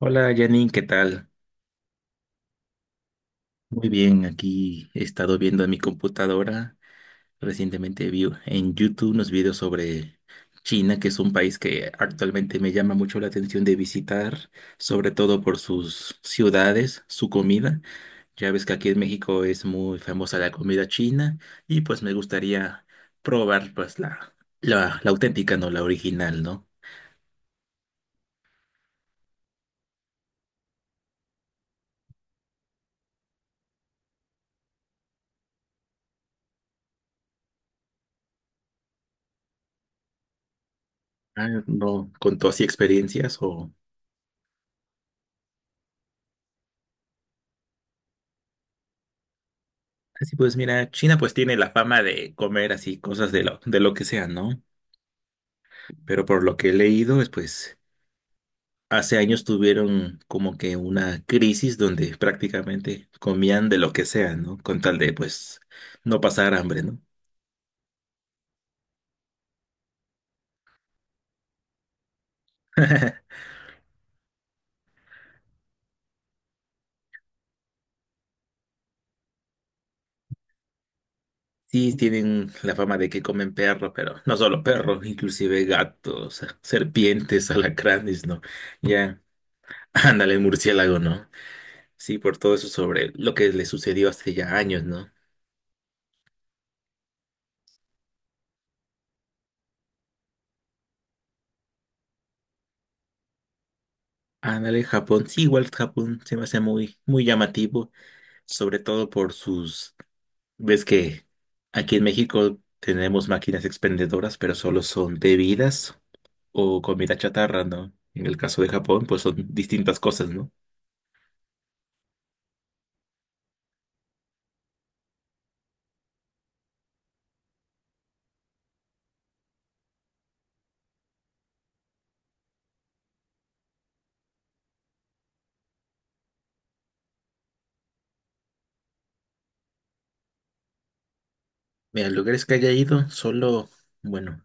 Hola Janine, ¿qué tal? Muy bien, aquí he estado viendo en mi computadora. Recientemente vi en YouTube unos videos sobre China, que es un país que actualmente me llama mucho la atención de visitar, sobre todo por sus ciudades, su comida. Ya ves que aquí en México es muy famosa la comida china y pues me gustaría probar pues la auténtica, no la original, ¿no? Ah, ¿no contó así experiencias o? Así pues, mira, China pues tiene la fama de comer así cosas de lo que sea, ¿no? Pero por lo que he leído es pues hace años tuvieron como que una crisis donde prácticamente comían de lo que sea, ¿no? Con tal de pues no pasar hambre, ¿no? Sí, tienen la fama de que comen perro, pero no solo perro, inclusive gatos, serpientes, alacranes, ¿no? Ya, ándale, murciélago, ¿no? Sí, por todo eso sobre lo que le sucedió hace ya años, ¿no? Ándale, Japón. Sí, igual Japón se me hace muy, muy llamativo, sobre todo por sus. Ves que aquí en México tenemos máquinas expendedoras, pero solo son bebidas o comida chatarra, ¿no? En el caso de Japón, pues son distintas cosas, ¿no? Mira, lugares que haya ido, solo, bueno,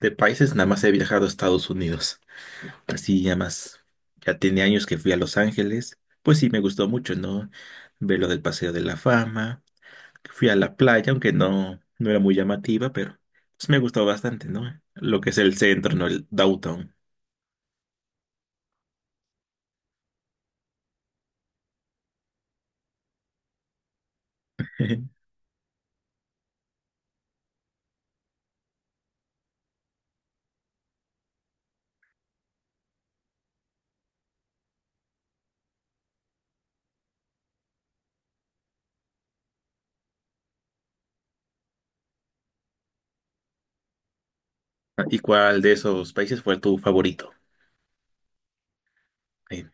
de países nada más he viajado a Estados Unidos. Así ya más, ya tiene años que fui a Los Ángeles. Pues sí, me gustó mucho, ¿no? Ver lo del Paseo de la Fama. Fui a la playa, aunque no, no era muy llamativa, pero pues, me gustó bastante, ¿no? Lo que es el centro, ¿no? El downtown. ¿Y cuál de esos países fue tu favorito? Eh,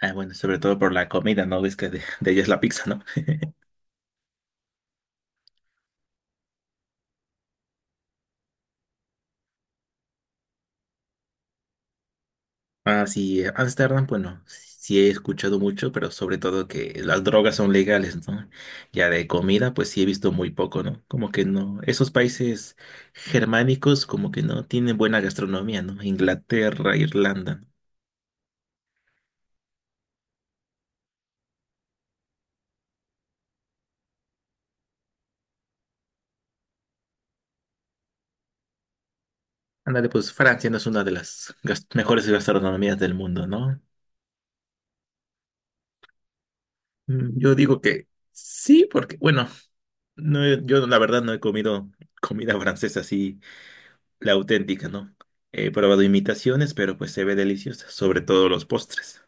ah, bueno, sobre todo por la comida, ¿no? Ves que de, de ella es la pizza, ¿no? Ah, sí, Ámsterdam, bueno, sí he escuchado mucho, pero sobre todo que las drogas son legales, ¿no? Ya de comida, pues sí he visto muy poco, ¿no? Como que no, esos países germánicos como que no tienen buena gastronomía, ¿no? Inglaterra, Irlanda. Ándale, pues Francia no es una de las mejores gastronomías del mundo, ¿no? Mm, yo digo que sí, porque, bueno, no he- yo la verdad no he comido comida francesa así, la auténtica, ¿no? He probado imitaciones, pero pues se ve deliciosa, sobre todo los postres.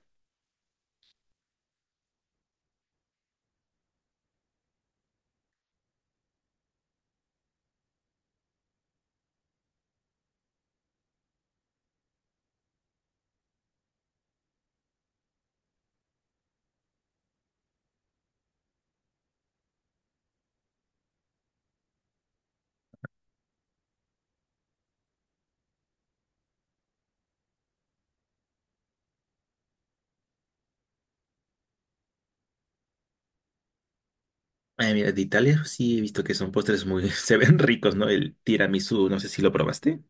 Ay, mira, de Italia sí he visto que son postres muy, se ven ricos, ¿no? El tiramisú, no sé si lo probaste.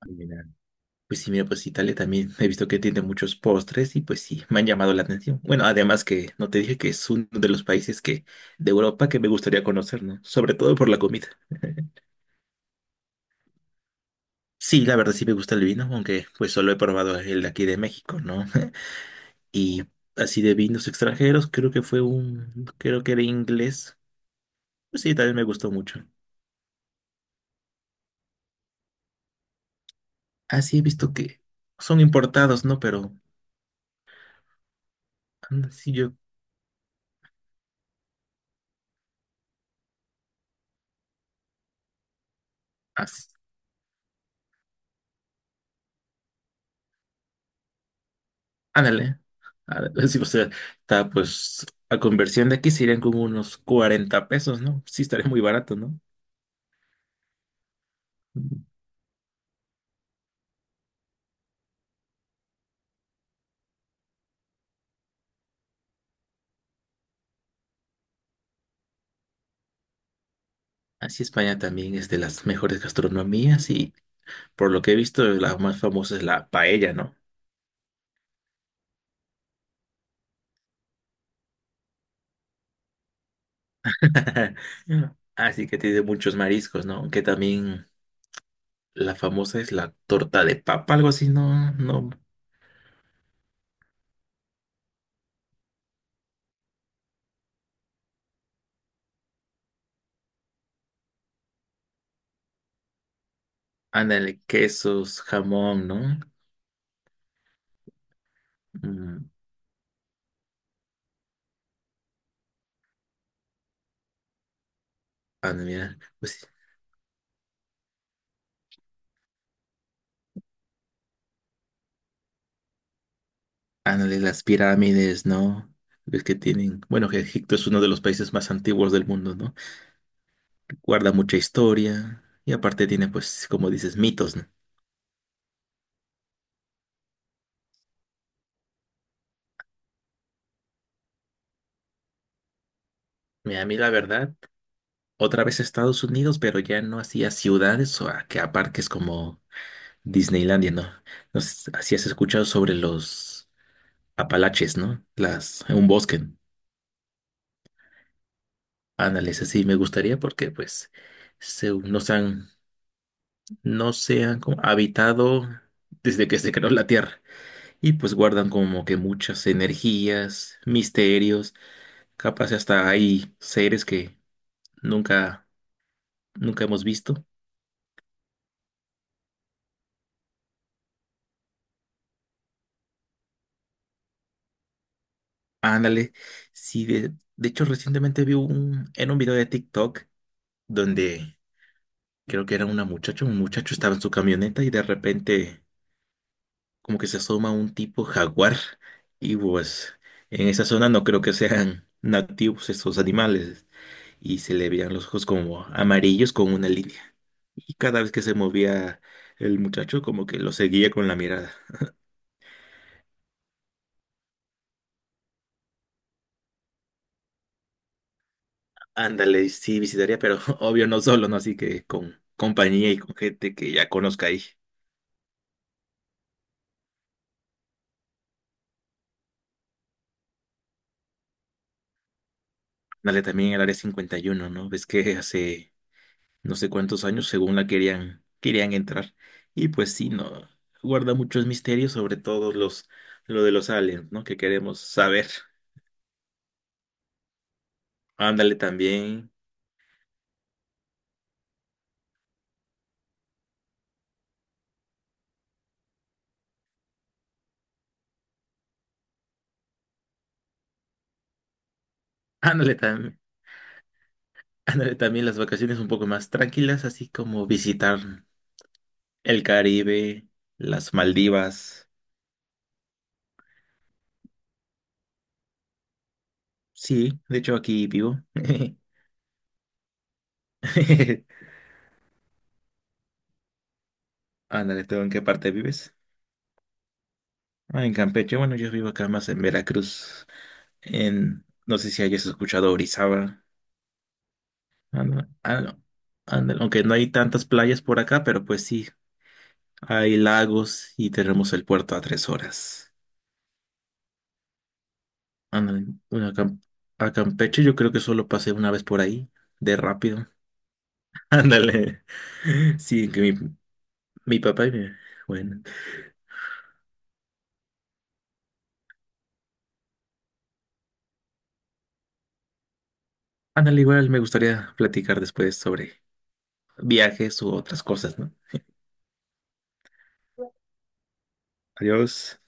Ay, mira, pues sí, mira, pues sí, Italia también he visto que tiene muchos postres y pues sí, me han llamado la atención. Bueno, además que no te dije que es uno de los países que de Europa que me gustaría conocer, ¿no? Sobre todo por la comida. Sí, la verdad sí me gusta el vino, aunque pues solo he probado el de aquí de México, ¿no? Y así de vinos extranjeros, creo que era inglés. Pues sí, también me gustó mucho. Así he visto que son importados, ¿no? Pero anda, sí yo, as- ándale. Ándale, sí, o sea, está pues a conversión de aquí serían como unos 40 pesos, ¿no? Sí, estaría muy barato, ¿no? Así España también es de las mejores gastronomías y por lo que he visto la más famosa es la paella, ¿no? Así que tiene muchos mariscos, ¿no? Que también la famosa es la torta de papa, algo así, ¿no? No. Ándale, quesos, jamón, ¿no? Mm, ándale, mira, pues, ándale, las pirámides, ¿no? Ves que tienen. Bueno, que Egipto es uno de los países más antiguos del mundo, ¿no? Guarda mucha historia. Y aparte tiene, pues, como dices, mitos, ¿no? Mira, a mí la verdad, otra vez Estados Unidos, pero ya no hacía ciudades o a que a parques como Disneylandia, ¿no? No sé si has escuchado sobre los Apalaches, ¿no? Las, un bosque. ¿No? Ándale, sí, me gustaría porque pues se, nos han, no se han como habitado desde que se creó la Tierra y pues guardan como que muchas energías, misterios, capaz hasta hay seres que nunca, nunca hemos visto. Ándale, sí, de hecho recientemente vi en un video de TikTok donde creo que era una muchacha, un muchacho estaba en su camioneta y de repente como que se asoma un tipo jaguar y pues en esa zona no creo que sean nativos estos animales y se le veían los ojos como amarillos con una línea. Y cada vez que se movía el muchacho como que lo seguía con la mirada. Ándale, sí visitaría, pero obvio no solo, ¿no? Así que con compañía y con gente que ya conozca ahí. Ándale, también el área 51, ¿no? Ves que hace no sé cuántos años, según la querían, querían entrar. Y pues sí, no, guarda muchos misterios, sobre todo los, lo de los aliens, ¿no? Que queremos saber. Ándale también, ándale también, ándale también las vacaciones un poco más tranquilas, así como visitar el Caribe, las Maldivas. Sí, de hecho aquí vivo. Ándale, ¿tú en qué parte vives? Ah, en Campeche, bueno, yo vivo acá más en Veracruz, en, no sé si hayas escuchado Orizaba. Ándale, ándale, ándale. Aunque no hay tantas playas por acá, pero pues sí, hay lagos y tenemos el puerto a 3 horas. Ándale, bueno, a Campeche yo creo que solo pasé una vez por ahí, de rápido. Ándale. Sí, que mi papá y mi. Bueno, ándale, igual me gustaría platicar después sobre viajes u otras cosas, ¿no? Adiós.